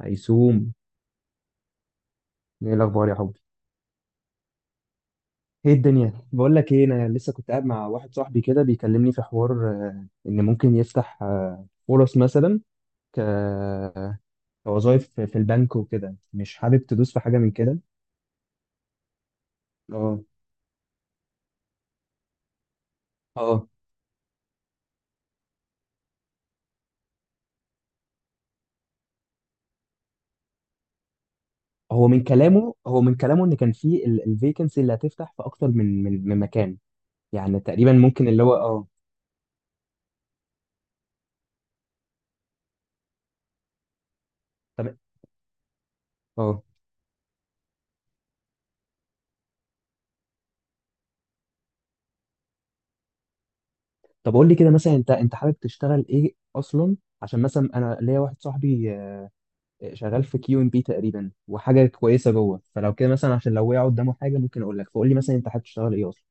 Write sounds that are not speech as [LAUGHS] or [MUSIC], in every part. هيسوم، ايه الاخبار يا حبي؟ ايه الدنيا، بقول لك ايه انا لسه كنت قاعد مع واحد صاحبي كده بيكلمني في حوار ان ممكن يفتح فرص مثلا ك كوظائف في البنك وكده، مش حابب تدوس في حاجه من كده. اه. اه. هو من كلامه، ان كان في الفيكنسي اللي هتفتح في اكتر من مكان، يعني تقريبا ممكن اللي هو اه. طب اه طب قول لي كده، مثلا انت حابب تشتغل ايه اصلا؟ عشان مثلا انا ليا واحد صاحبي شغال في كيو ام بي تقريبا وحاجه كويسه جوه فلو، كده مثلا عشان لو وقع قدامه حاجه ممكن اقول لك. فقول لي مثلا انت حابب تشتغل ايه اصلا؟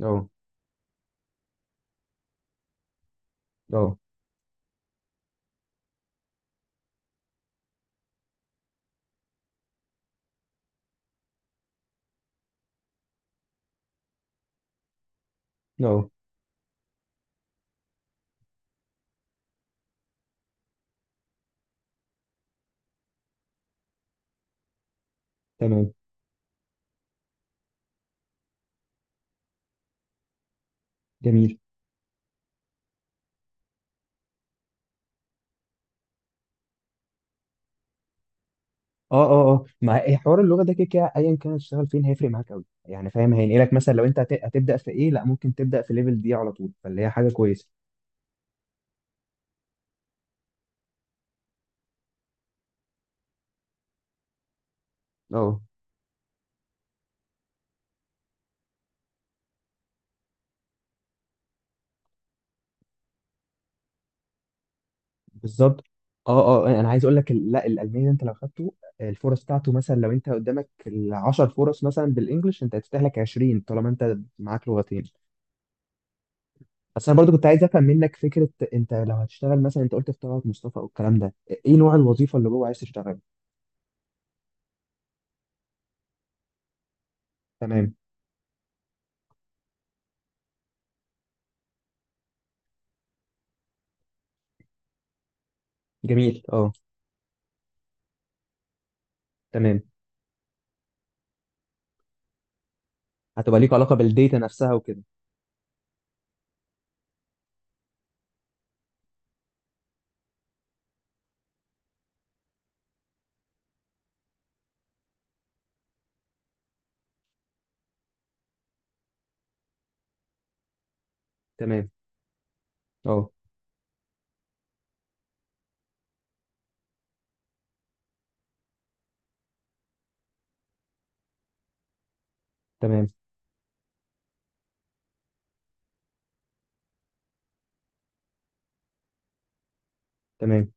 اه. اه. اه. تمام. جميل. اه اه اه. مع إيه حوار اللغه ده، كده كده ايا كان هتشتغل فين هيفرق معاك قوي يعني، فاهم؟ هينقلك مثلا لو انت هتبدا في ايه، لا ممكن تبدا في ليفل دي على طول، فاللي هي حاجه كويسه. اه بالظبط. اه اه انا عايز اقول لك لا الالماني ده انت لو خدته، الفرص بتاعته مثلا لو انت قدامك 10 فرص مثلا بالانجلش، انت هتفتح لك 20 طالما انت معاك لغتين. بس انا برضو كنت عايز افهم منك فكره، انت لو هتشتغل مثلا، انت قلت في طلعت مصطفى او الكلام ده، ايه نوع الوظيفه اللي هو عايز تشتغلها؟ تمام. جميل اه. تمام، هتبقى ليك علاقه بالديتا نفسها وكده. تمام. اه تمام تمام.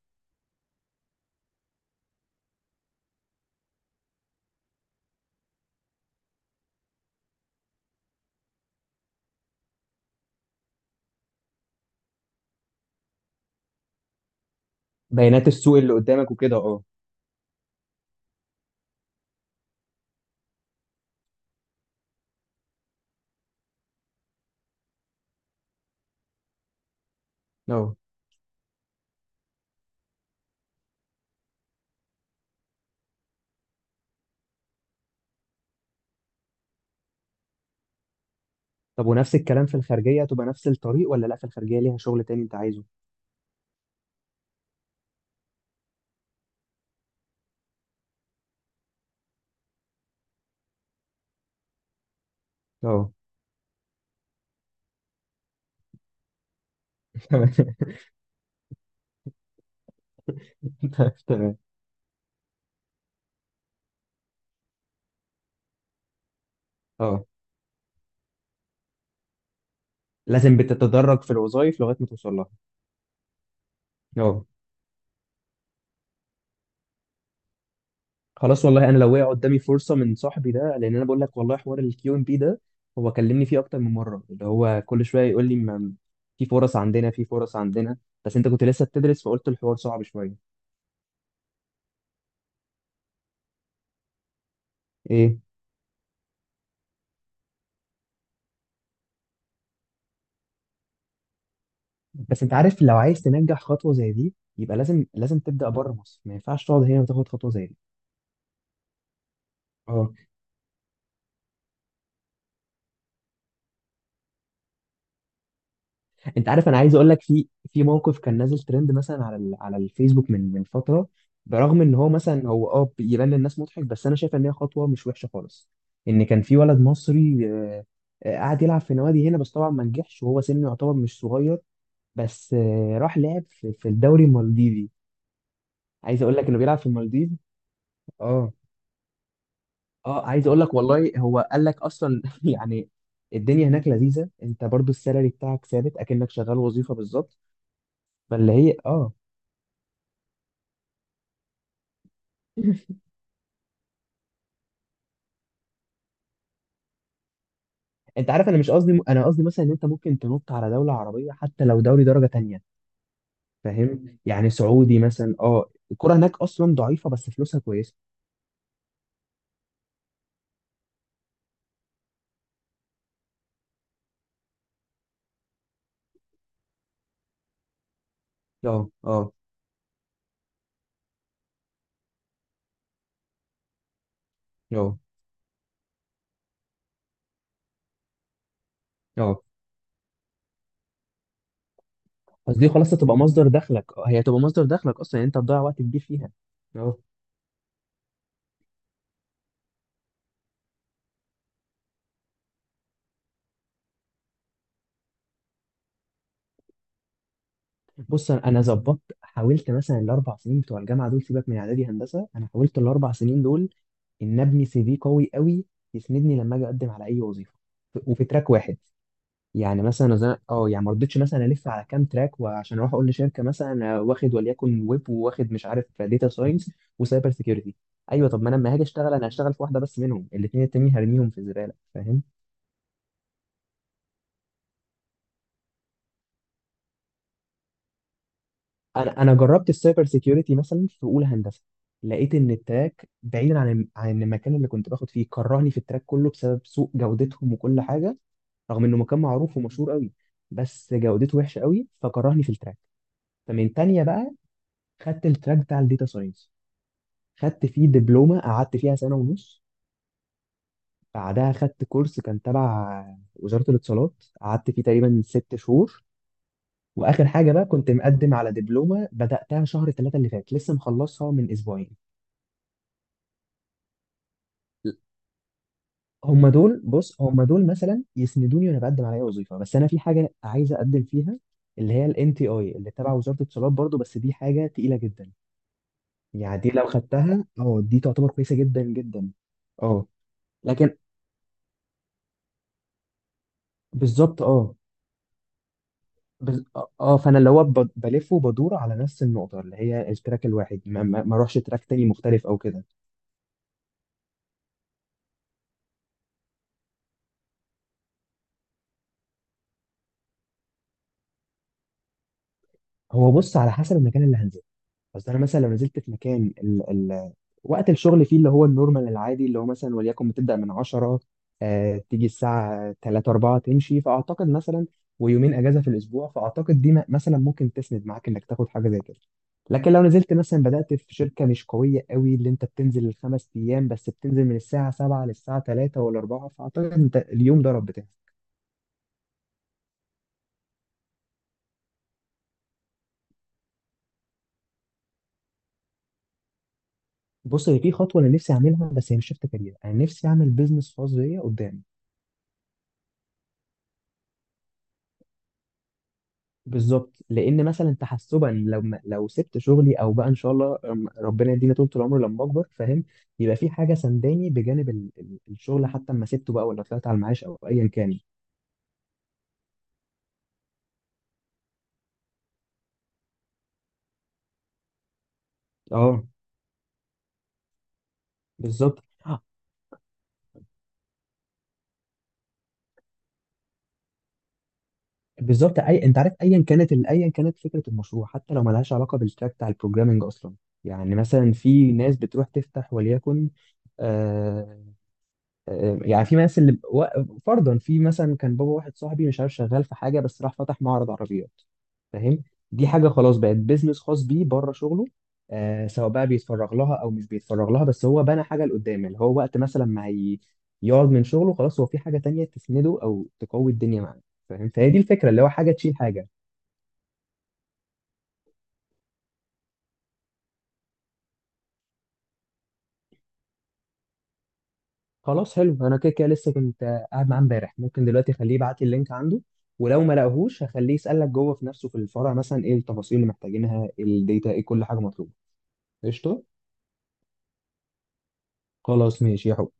بيانات السوق اللي قدامك وكده، اه. اه طب، ونفس الكلام في الخارجيه هتبقى نفس الطريق ولا لا، في الخارجيه ليها شغل تاني انت عايزه؟ اه. [LAUGHS] تمام. تمام. اه لازم بتتدرج في الوظائف لغايه ما توصل لها. اه. خلاص، والله انا لو وقع قدامي فرصه من صاحبي ده، لان انا بقول لك والله حوار الكيو ام بي ده هو كلمني فيه اكتر من مره، اللي هو كل شويه يقول لي في فرص عندنا، في فرص عندنا. بس انت كنت لسه بتدرس فقلت الحوار صعب شويه. ايه. بس انت عارف لو عايز تنجح خطوه زي دي يبقى لازم لازم تبدا بره مصر، ما ينفعش تقعد هنا وتاخد خطوه زي دي. اه. انت عارف انا عايز اقول لك في موقف كان نازل ترند مثلا على على الفيسبوك من فتره، برغم ان هو مثلا، هو يبان للناس مضحك بس انا شايف ان هي خطوه مش وحشه خالص. ان كان في ولد مصري قاعد يلعب في نوادي هنا، بس طبعا ما نجحش وهو سنه يعتبر مش صغير، بس راح لعب في الدوري المالديفي. عايز اقول لك انه بيلعب في المالديف. اه. اه عايز اقول لك والله هو قال لك اصلا [LAUGHS] يعني الدنيا هناك لذيذه، انت برضو السالري بتاعك ثابت اكنك شغال وظيفه بالظبط. فاللي هي اه. [LAUGHS] انت عارف انا مش قصدي، انا قصدي مثلا ان انت ممكن تنط على دوله عربيه حتى لو دوري درجه تانية، فاهم يعني سعودي مثلا، الكره هناك اصلا ضعيفه بس فلوسها كويسه. اه. اه. اه. اه قصدي خلاص هتبقى مصدر دخلك، هي هتبقى مصدر دخلك اصلا، يعني انت تضيع وقت كبير فيها. اه. بص، انا ظبطت، حاولت مثلا الـ4 سنين بتوع الجامعه دول، سيبك من اعدادي هندسه، انا حاولت الـ4 سنين دول ان ابني سي في قوي قوي، يسندني لما اجي اقدم على اي وظيفه، وفي تراك واحد. يعني مثلا يعني ما رضيتش مثلا الف على كام تراك، وعشان اروح اقول لشركه مثلا أنا واخد وليكن ويب وواخد مش عارف داتا ساينس وسايبر سيكيورتي، ايوه طب ما انا لما هاجي اشتغل انا هشتغل في واحده بس منهم، الاثنين التانيين هرميهم في الزباله، فاهم؟ انا جربت السايبر سيكيورتي مثلا في اولى هندسه، لقيت ان التراك بعيدا عن المكان اللي كنت باخد فيه، كرهني في التراك كله بسبب سوء جودتهم وكل حاجه، رغم انه مكان معروف ومشهور قوي بس جودته وحشه قوي فكرهني في التراك. فمن تانية بقى، خدت التراك بتاع الداتا ساينس، خدت فيه دبلومة قعدت فيها سنة ونص، بعدها خدت كورس كان تبع وزارة الاتصالات قعدت فيه تقريبا 6 شهور، وآخر حاجة بقى كنت مقدم على دبلومة بدأتها شهر 3 اللي فات لسه مخلصها من أسبوعين. هما دول، بص هما دول مثلا يسندوني وأنا بقدم على أي وظيفة. بس أنا في حاجة عايز أقدم فيها اللي هي ال NTI، اللي تبع وزارة الاتصالات برضو، بس دي حاجة تقيلة جدا. يعني دي لو خدتها اه دي تعتبر كويسة جدا جدا. اه. لكن. بالظبط اه. بز... اه فانا اللي هو بلف وبدور على نفس النقطه، اللي هي التراك الواحد، ما اروحش تراك تاني مختلف او كده. هو بص، على حسب المكان اللي هنزله، اصل انا مثلا لو نزلت في مكان وقت الشغل فيه اللي هو النورمال العادي، اللي هو مثلا وليكن بتبدأ من 10، تيجي الساعة 3 4 تمشي، فاعتقد مثلا ويومين اجازة في الاسبوع، فاعتقد دي مثلا ممكن تسند معاك انك تاخد حاجة زي كده. لكن لو نزلت مثلا بدأت في شركة مش قوية قوي اللي انت بتنزل الـ5 ايام، بس بتنزل من الساعة 7 للساعة 3 ولا 4، فاعتقد انت اليوم ضرب بتاعك. بص، هي في خطوة انا نفسي اعملها بس هي مش شفت كارير، انا نفسي اعمل بيزنس خاص بيا قدام. بالظبط، لان مثلا تحسبا لو لو سبت شغلي او بقى ان شاء الله ربنا يدينا طول العمر لما اكبر، فاهم؟ يبقى في حاجه سنداني بجانب الشغل حتى اما سبته بقى ولا طلعت على المعاش او ايا كان. اه. بالظبط بالظبط. اي، انت عارف ايا كانت ايا كانت فكره المشروع حتى لو ملهاش علاقه بالتراك بتاع البروجرامنج اصلا. يعني مثلا في ناس بتروح تفتح وليكن آه، يعني في ناس اللي فرضا في مثلا كان بابا واحد صاحبي مش عارف شغال في حاجه بس راح فتح معرض عربيات، فاهم؟ دي حاجه خلاص بقت بيزنس خاص بيه بره شغله، سواء بقى بيتفرغ لها او مش بيتفرغ لها، بس هو بنى حاجه لقدام اللي هو وقت مثلا ما هي- يقعد من شغله خلاص هو في حاجه تانية تسنده او تقوي الدنيا معاه، فاهم؟ فهي دي الفكره اللي هو حاجه تشيل حاجه. خلاص حلو، انا كده كده لسه كنت قاعد معاه امبارح، ممكن دلوقتي اخليه يبعت لي اللينك عنده، ولو ما لقاهوش هخليه يسألك جوه في نفسه في الفرع مثلا ايه التفاصيل اللي محتاجينها، الداتا، ايه كل حاجة مطلوبة. قشطة. خلاص ماشي يا حب.